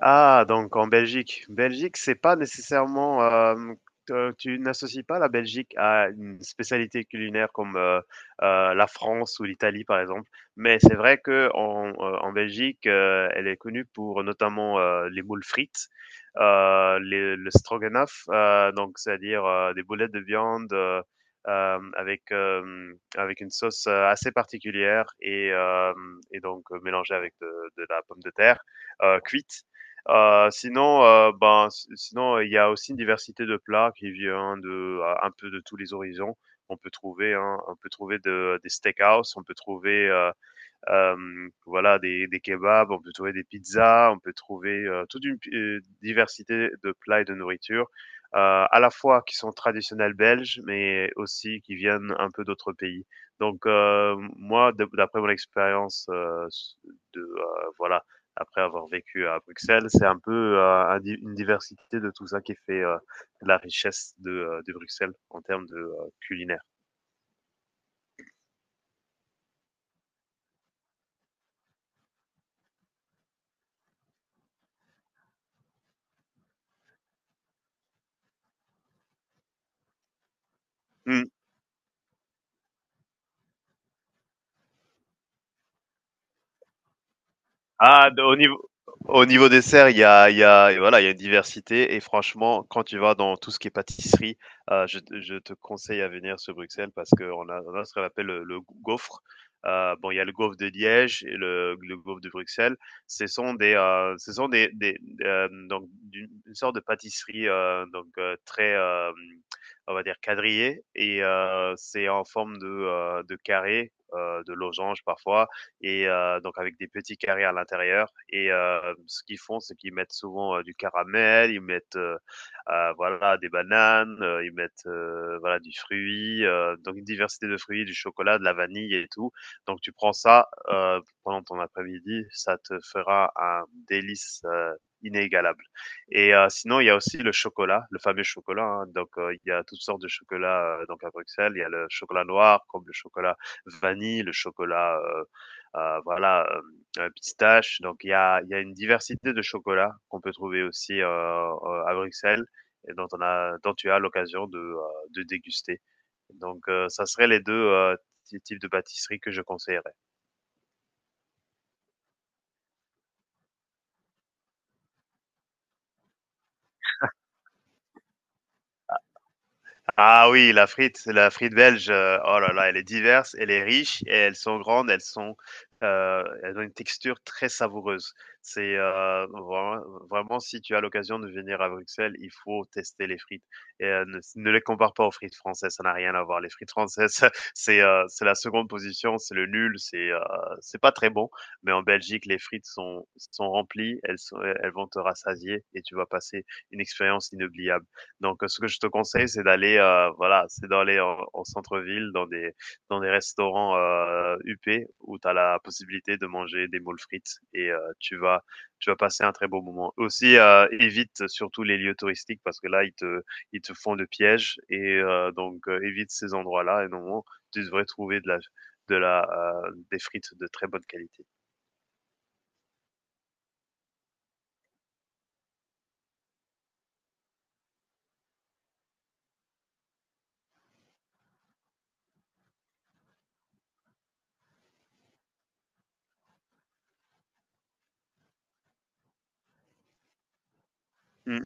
Ah, donc en Belgique. Belgique, c'est pas nécessairement. Te- tu n'associes pas la Belgique à une spécialité culinaire comme la France ou l'Italie, par exemple. Mais c'est vrai que en Belgique, elle est connue pour notamment les moules frites, le stroganoff, donc c'est-à-dire des boulettes de viande, avec une sauce assez particulière et donc mélangée avec de la pomme de terre cuite. Sinon, ben, si sinon il y a aussi une diversité de plats qui vient de un peu de tous les horizons. On peut trouver, hein, on peut trouver de des steakhouse, on peut trouver, voilà des kebabs, on peut trouver des pizzas, on peut trouver, toute une pi diversité de plats et de nourriture, à la fois qui sont traditionnels belges, mais aussi qui viennent un peu d'autres pays. Donc, moi de d'après mon expérience, de, heu, voilà, après avoir vécu à Bruxelles, c'est un peu, un di une diversité de tout ça qui fait, la richesse de Bruxelles en termes culinaire. Mmh. Ah, au niveau dessert, et voilà, il y a une diversité. Et franchement, quand tu vas dans tout ce qui est pâtisserie, je te conseille à venir sur Bruxelles parce qu'on a ce qu'on appelle le gaufre. Bon, il y a le gaufre de Liège et le gaufre de Bruxelles. Ce sont des donc d'une une sorte de pâtisserie très, on va dire quadrillée et c'est en forme de carré, de losange parfois et donc avec des petits carrés à l'intérieur. Et ce qu'ils font, c'est qu'ils mettent souvent du caramel, ils mettent voilà des bananes, ils mettent voilà du fruit, donc une diversité de fruits, du chocolat, de la vanille et tout. Donc tu prends ça pendant ton après-midi, ça te fera un délice inégalable. Et sinon, il y a aussi le chocolat, le fameux chocolat, hein. Donc, il y a toutes sortes de chocolats donc à Bruxelles. Il y a le chocolat noir, comme le chocolat vanille, le chocolat, voilà, pistache. Donc il y a une diversité de chocolats qu'on peut trouver aussi, à Bruxelles et dont on a dont tu as l'occasion de déguster. Donc ça serait les 2 ty types de pâtisseries que je conseillerais. Ah oui, la frite belge, oh là là, elle est diverse, elle est riche et elles sont grandes, elles sont, elles ont une texture très savoureuse. C'est, vraiment si tu as l'occasion de venir à Bruxelles, il faut tester les frites et ne les compare pas aux frites françaises, ça n'a rien à voir. Les frites françaises, c'est la seconde position, c'est le nul, c'est pas très bon, mais en Belgique, les frites sont remplies, elles vont te rassasier et tu vas passer une expérience inoubliable. Donc, ce que je te conseille, c'est d'aller en centre-ville, dans des restaurants, huppés où tu as la possibilité de manger des moules frites et tu vas passer un très beau moment. Aussi, évite surtout les lieux touristiques parce que là, ils te font le piège et évite ces endroits-là et normalement, tu devrais trouver de la, des frites de très bonne qualité. Mmh.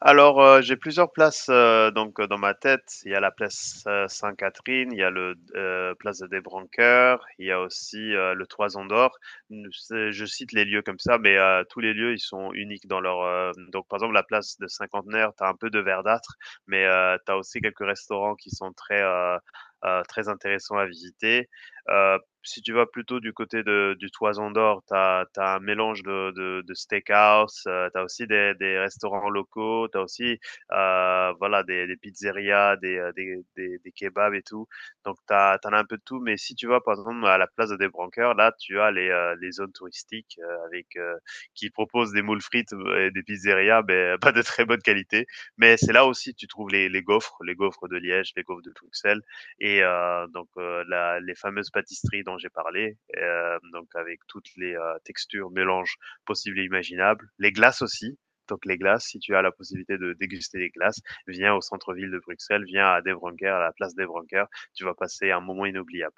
Alors, j'ai plusieurs places, dans ma tête. Il y a la place, Sainte-Catherine, il y a le, place des Débrancoeur, il y a aussi, le Toison d'Or. Mmh, c'est je cite les lieux comme ça, mais, tous les lieux, ils sont uniques dans leur, donc par exemple, la place de Cinquantenaire, tu as un peu de verdâtre, mais, tu aussi quelques restaurants qui sont très, très intéressants à visiter. Heu Si tu vas plutôt du côté de du Toison d'Or, tu as un mélange de steakhouse, tu as aussi des restaurants locaux, tu as aussi, voilà des pizzerias, des kebabs et tout. Donc tu as un peu de tout, mais si tu vas par exemple à la place de Débrancoeur, là tu as les zones touristiques, qui proposent des moules frites, et des pizzerias, mais pas de très bonne qualité. Mais c'est là aussi tu trouves les gaufres de Liège, les gaufres de Bruxelles. Et les fameuses pâtisseries dont j'ai parlé, donc avec toutes les textures, mélanges possibles et imaginables, les glaces aussi. Donc les glaces, si tu as la possibilité de déguster des glaces, viens au centre-ville de Bruxelles, viens à Devronker, à la place Devronker, tu vas passer un moment inoubliable.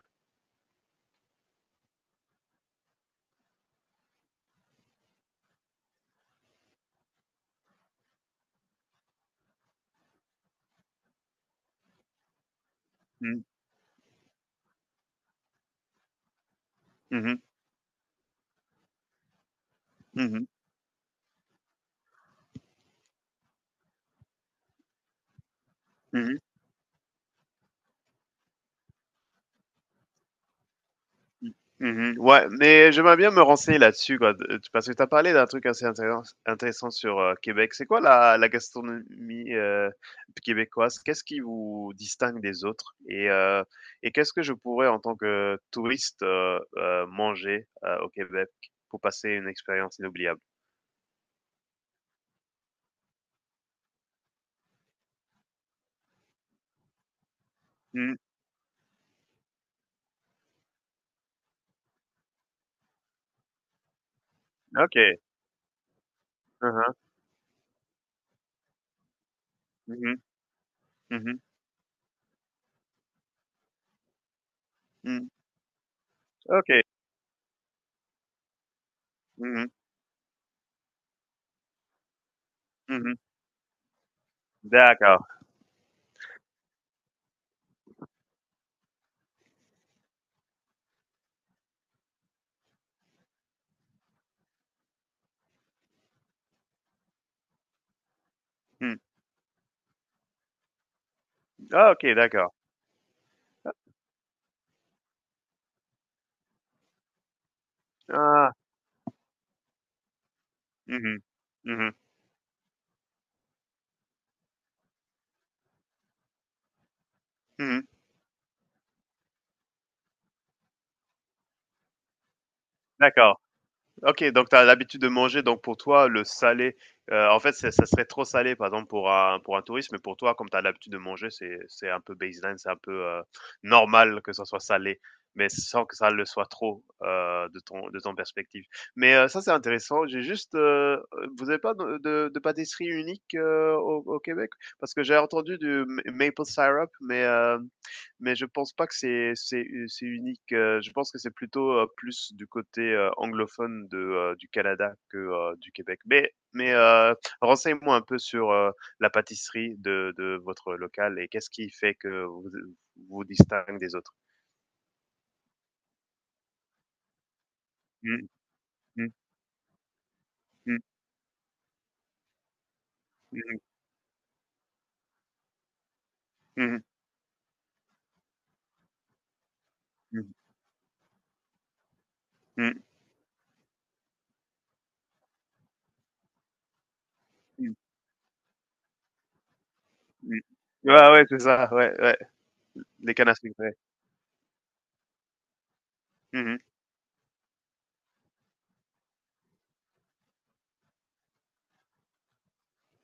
Mhm, mhm, mhm, mhm. Mhm. Ouais, mais j'aimerais bien me renseigner là-dessus, quoi, parce que tu as parlé d'un truc assez intéressant sur Québec. C'est quoi la gastronomie québécoise? Qu'est-ce qui vous distingue des autres? Et qu'est-ce que je pourrais, en tant que touriste, manger au Québec pour passer une expérience inoubliable? Mm, ok. Mhm, mhm, mhm, mm, ok. Mhm, mhm. D'accord. Mm. Ah, ok, d'accord. Ah, mhm, mhm, mhm. D'accord. OK, donc tu as l'habitude de manger, donc pour toi, le salé, en fait, c'est ça serait trop salé, par exemple, pour un touriste, mais pour toi, comme tu as l'habitude de manger, c'est un peu baseline, c'est un peu, normal que ça soit salé, mais sans que ça le soit trop, de ton perspective. Mais, ça, c'est intéressant. J'ai juste, vous avez pas de pâtisserie unique, au Québec? Parce que j'ai entendu du ma maple syrup, mais je pense pas que c'est unique, je pense que c'est plutôt, plus du côté, anglophone du Canada que, du Québec. Mais renseigne-moi un peu sur, la pâtisserie de votre local et qu'est-ce qui fait que vous distingue des autres? Mmh, mmh, mmh, mmh mh. Mmh mh. Mmh, mmh, mmh. Ouais, ouais, c'est ça, ouais, ouais, les cannes à sucre, ouais. Mmh mh.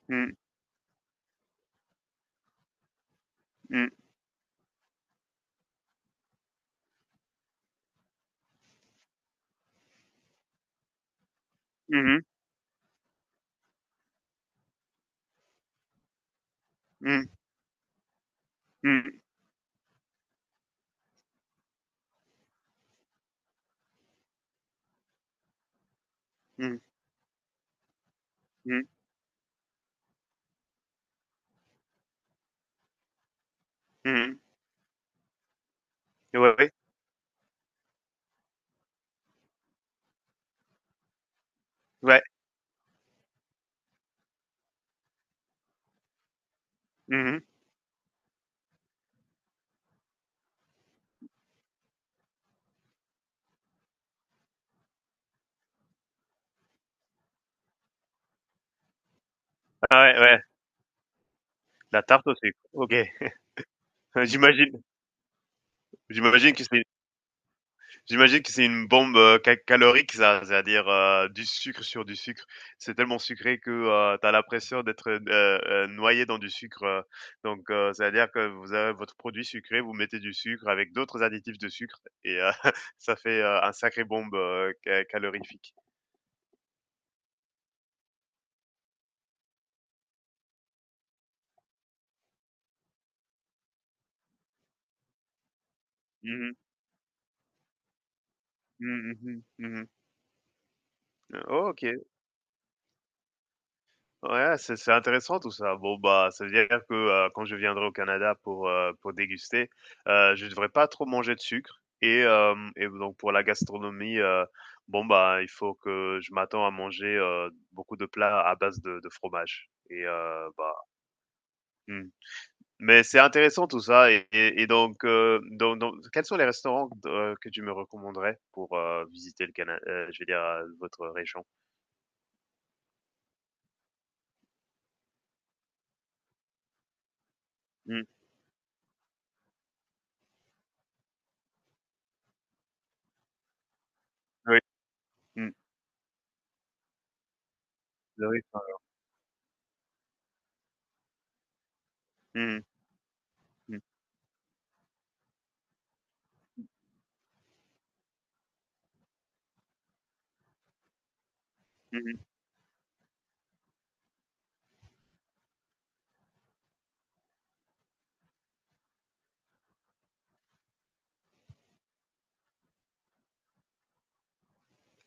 Mmh, mmh. Mmh mh. Mmh, mmh, mmh, mmh, mmh. Ouais, ouais. Ouais. Mmh. Ah ouais, ouais. La tarte au sucre. OK. J'imagine j'imagine que c'est j'imagine que c'est une bombe, ca calorique ça, c'est-à-dire, du sucre sur du sucre. C'est tellement sucré que, tu as l'impression d'être, noyé dans du sucre, donc c'est-à-dire que vous avez votre produit sucré, vous mettez du sucre avec d'autres additifs de sucre et ça fait, un sacré bombe, ca calorifique. Mmh mh. Mmh, mmh mh. Mmh. OK. Ouais, c'est intéressant tout ça. Bon, bah, ça veut dire que quand je viendrai au Canada pour déguster, je devrais pas trop manger de sucre. Et donc, pour la gastronomie, bon, bah, il faut que je m'attends à manger beaucoup de plats à base de fromage. Et bah, hmm. Mais c'est intéressant tout ça. Donc, quels sont les restaurants que tu me recommanderais pour visiter le Canada, je veux dire, votre région? Hmm. Oui. Hmm. Oui. Oui, hmm. Hmm. Hmm. Hmm.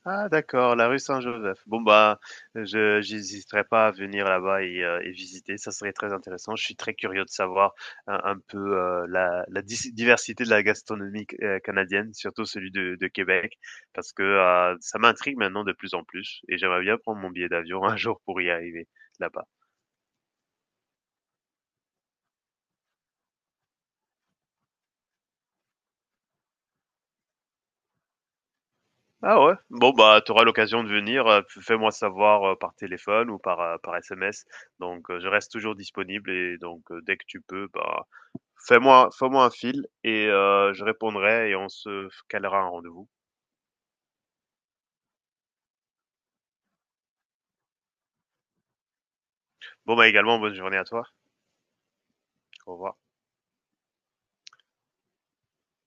Ah d'accord, la rue Saint-Joseph. Bon bah, je j'hésiterai pas à venir là-bas et visiter, ça serait très intéressant. Je suis très curieux de savoir un peu, la la dis diversité de la gastronomie c canadienne, surtout celui de Québec, parce que, ça m'intrigue maintenant de plus en plus et j'aimerais bien prendre mon billet d'avion un jour pour y arriver là-bas. Ah ouais? Bon bah, tu auras l'occasion de venir, f fais-moi savoir, par téléphone ou par, par SMS donc, je reste toujours disponible et donc, dès que tu peux, bah fais-moi un fil et je répondrai et on se calera un rendez-vous. Bon, bah, également bonne journée à toi. Au revoir.